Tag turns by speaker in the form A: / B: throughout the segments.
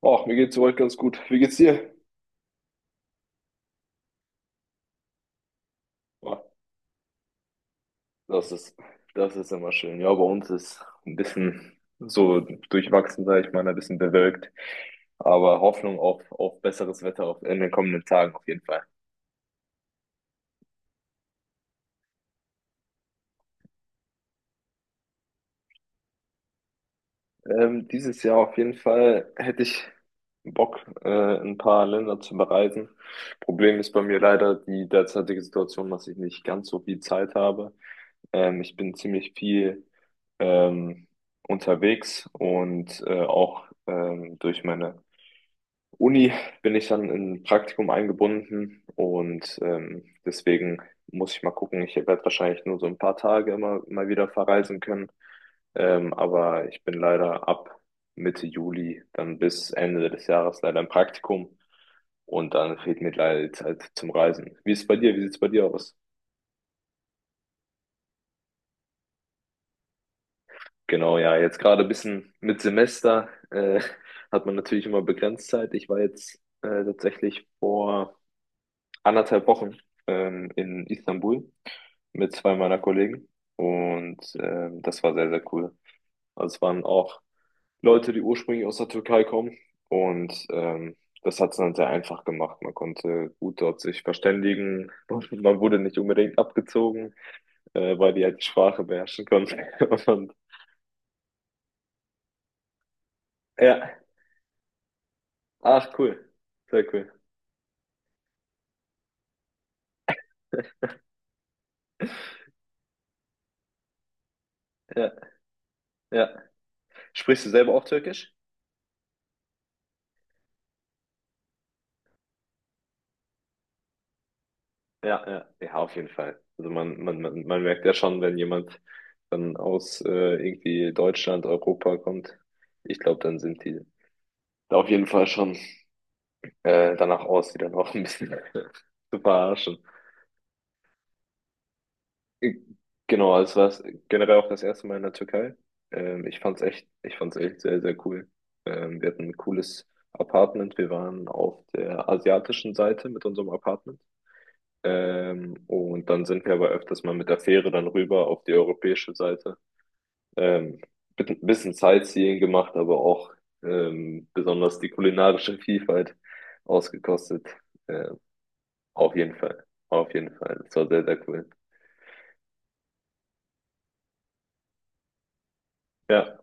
A: Ach, mir geht's soweit ganz gut. Wie geht's dir? Ah, Das ist, das ist immer schön. Ja, bei uns ist ein bisschen so durchwachsen, sag ich mal, ein bisschen bewölkt. Aber Hoffnung auf besseres Wetter auf, in den kommenden Tagen auf jeden Fall. Dieses Jahr auf jeden Fall hätte ich Bock, ein paar Länder zu bereisen. Problem ist bei mir leider die derzeitige Situation, dass ich nicht ganz so viel Zeit habe. Ich bin ziemlich viel ähm, unterwegs und auch durch meine Uni bin ich dann in ein Praktikum eingebunden und deswegen muss ich mal gucken. Ich werde wahrscheinlich nur so ein paar Tage immer mal wieder verreisen können. Aber ich bin leider ab Mitte Juli dann bis Ende des Jahres leider im Praktikum und dann fehlt mir leider die Zeit zum Reisen. Wie ist es bei dir? Wie sieht es bei dir aus? Genau, ja, jetzt gerade ein bisschen mit Semester hat man natürlich immer begrenzt Zeit. Ich war jetzt tatsächlich vor anderthalb Wochen in Istanbul mit zwei meiner Kollegen und das war sehr, sehr cool. Also es waren auch Leute, die ursprünglich aus der Türkei kommen und das hat es dann sehr einfach gemacht. Man konnte gut dort sich verständigen und man wurde nicht unbedingt abgezogen, weil die halt die Sprache beherrschen konnten. Und, ja, ach cool, sehr cool. Ja, ja. Sprichst du selber auch Türkisch? Ja, ja, ja, auf jeden Fall. Also man merkt ja schon, wenn jemand dann aus irgendwie Deutschland, Europa kommt, ich glaube, dann sind die da auf jeden Fall schon danach aus, die dann auch ein bisschen zu verarschen. Äh, Genau, also war es generell auch das erste Mal in der Türkei. Ich fand's echt, ich fand's echt sehr, sehr cool. Wir hatten ein cooles Apartment. Wir waren auf der asiatischen Seite mit unserem Apartment. Und dann sind wir aber öfters mal mit der Fähre dann rüber auf die europäische Seite. Ähm, Bisschen Sightseeing gemacht, aber auch besonders die kulinarische Vielfalt ausgekostet. Ähm, auf jeden Fall, auf jeden Fall. Das war sehr, sehr cool. Ja,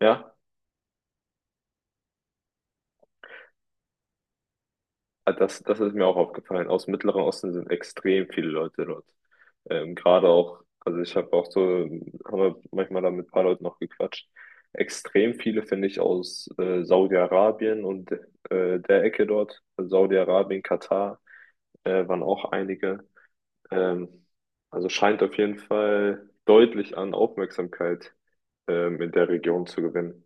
A: ja. Das, das ist mir auch aufgefallen. Aus dem Mittleren Osten sind extrem viele Leute dort. Gerade auch, also ich habe auch so, haben wir manchmal da mit ein paar Leuten noch gequatscht. Extrem viele finde ich aus Saudi-Arabien und der Ecke dort. Also Saudi-Arabien, Katar waren auch einige. Ähm, also scheint auf jeden Fall deutlich an Aufmerksamkeit in der Region zu gewinnen.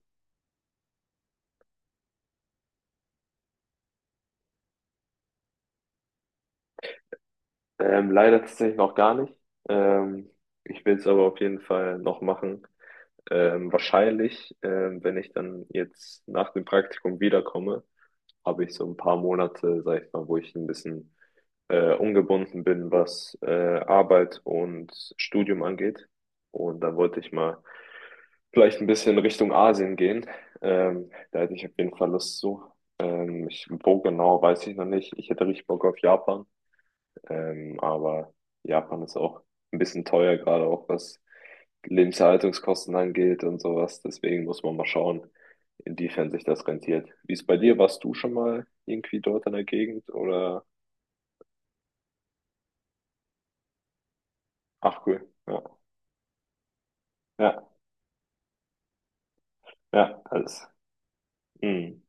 A: Leider tatsächlich noch gar nicht. Ähm, Ich will es aber auf jeden Fall noch machen. Wahrscheinlich, wenn ich dann jetzt nach dem Praktikum wiederkomme, habe ich so ein paar Monate, sag ich mal, wo ich ein bisschen ungebunden bin, was Arbeit und Studium angeht. Und da wollte ich mal vielleicht ein bisschen Richtung Asien gehen. Da hätte ich auf jeden Fall Lust zu. Ich, wo genau, weiß ich noch nicht. Ich hätte richtig Bock auf Japan. Aber Japan ist auch ein bisschen teuer, gerade auch was Lebenshaltungskosten angeht und sowas. Deswegen muss man mal schauen, inwiefern sich das rentiert. Wie ist bei dir? Warst du schon mal irgendwie dort in der Gegend oder? Ach cool. Ja, ja, ja, alles. Mhm.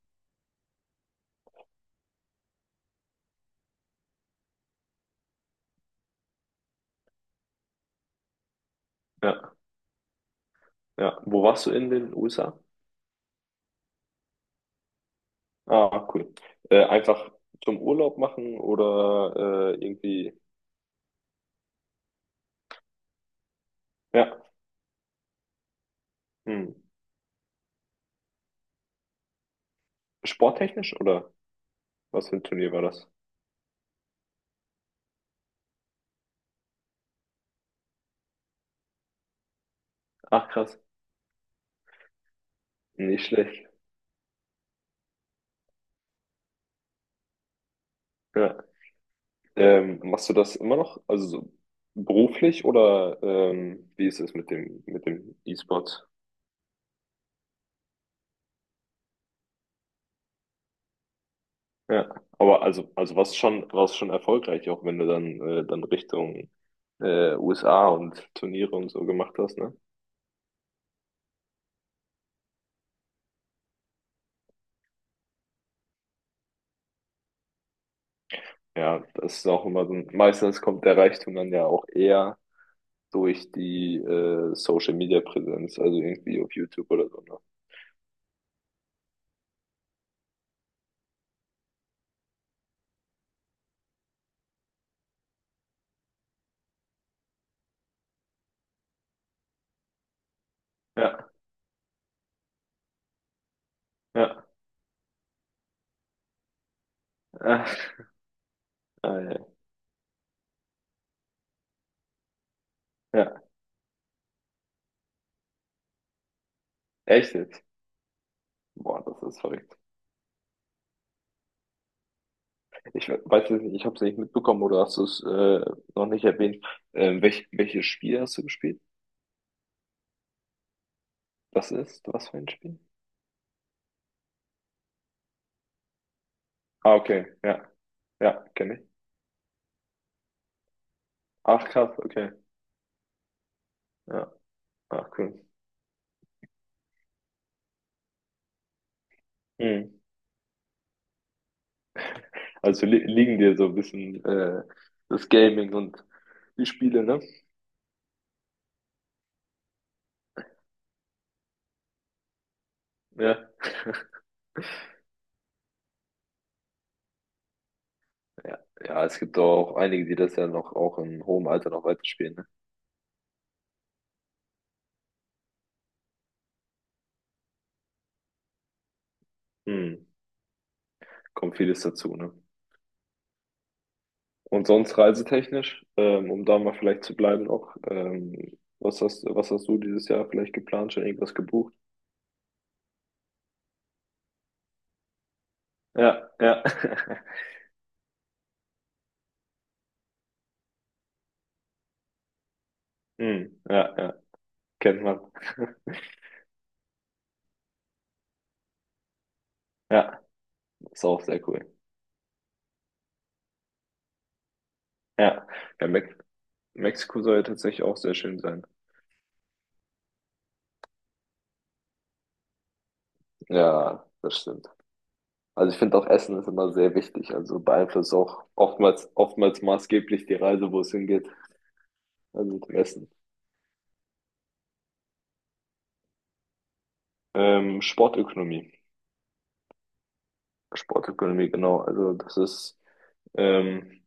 A: Ja, ja. Wo warst du in den USA? Ah, cool. Einfach zum Urlaub machen oder irgendwie. Ja. Mhm. Sporttechnisch oder was für ein Turnier war das? Ach krass. Nicht schlecht. Ja. Machst du das immer noch, also so beruflich oder wie ist es mit dem E-Sport? Ja, aber also warst schon erfolgreich, auch wenn du dann dann Richtung USA und Turniere und so gemacht hast, ne? Ja, das ist auch immer so. Meistens kommt der Reichtum dann ja auch eher durch die Social Media Präsenz, also irgendwie auf YouTube oder so, ne? Ja, ja, ja, Ah, ja, ja. Ja, echt jetzt? Boah, das ist verrückt. Ich weiß jetzt nicht, ich habe es nicht mitbekommen oder hast du es noch nicht erwähnt. Welches Spiel hast du gespielt? Das ist, was für ein Spiel? Ah, okay, ja, ja, kenne ich. Ach, krass, okay, ja, ach, cool. Hm. Also li liegen dir so ein bisschen das Gaming und die Spiele, ne? Ja, ja, ja, es gibt auch einige, die das ja noch auch im hohen Alter noch weiterspielen, ne? Hm. Kommt vieles dazu, ne? Und sonst reisetechnisch, um da mal vielleicht zu bleiben auch, was hast du dieses Jahr vielleicht geplant, schon irgendwas gebucht? Ja, ja. Hm, ja, ja. Kennt man. Ja, ist auch sehr cool. Ja, ja, Mexiko soll ja tatsächlich auch sehr schön sein. Ja, das stimmt. Also ich finde auch Essen ist immer sehr wichtig. Also beeinflusst auch oftmals, oftmals maßgeblich die Reise, wo es hingeht. Also mit dem Essen. Sportökonomie. Sportökonomie, genau. Also das ist ähm,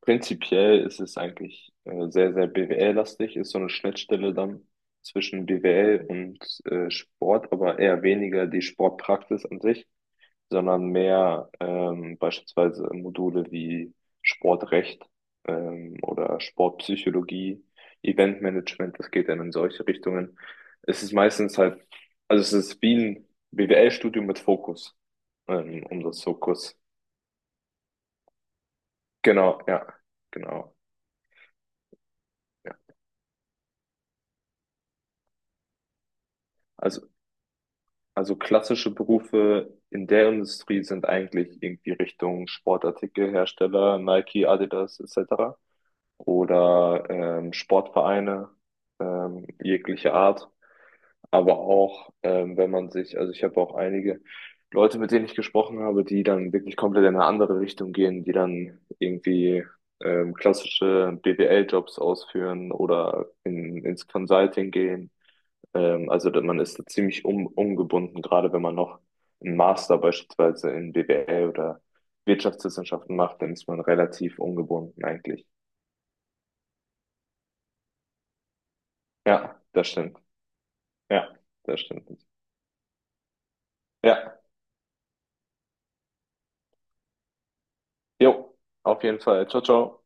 A: prinzipiell ist es eigentlich sehr, sehr BWL-lastig, ist so eine Schnittstelle dann zwischen BWL und Sport, aber eher weniger die Sportpraxis an sich, sondern mehr beispielsweise Module wie Sportrecht oder Sportpsychologie, Eventmanagement, das geht dann in solche Richtungen. Es ist meistens halt, also es ist wie ein BWL-Studium mit Fokus, um das Fokus genau, ja, genau. Ja. Also Also klassische Berufe in der Industrie sind eigentlich irgendwie Richtung Sportartikelhersteller, Nike, Adidas etc. oder Sportvereine jeglicher Art. Aber auch, wenn man sich, also ich habe auch einige Leute, mit denen ich gesprochen habe, die dann wirklich komplett in eine andere Richtung gehen, die dann irgendwie klassische BWL-Jobs ausführen oder in, ins Consulting gehen also man ist da ziemlich um, umgebunden, gerade wenn man noch einen Master beispielsweise in BWL oder Wirtschaftswissenschaften macht, dann ist man relativ ungebunden eigentlich. Ja, das stimmt. Ja, das stimmt. Ja, jo, auf jeden Fall. Ciao, ciao.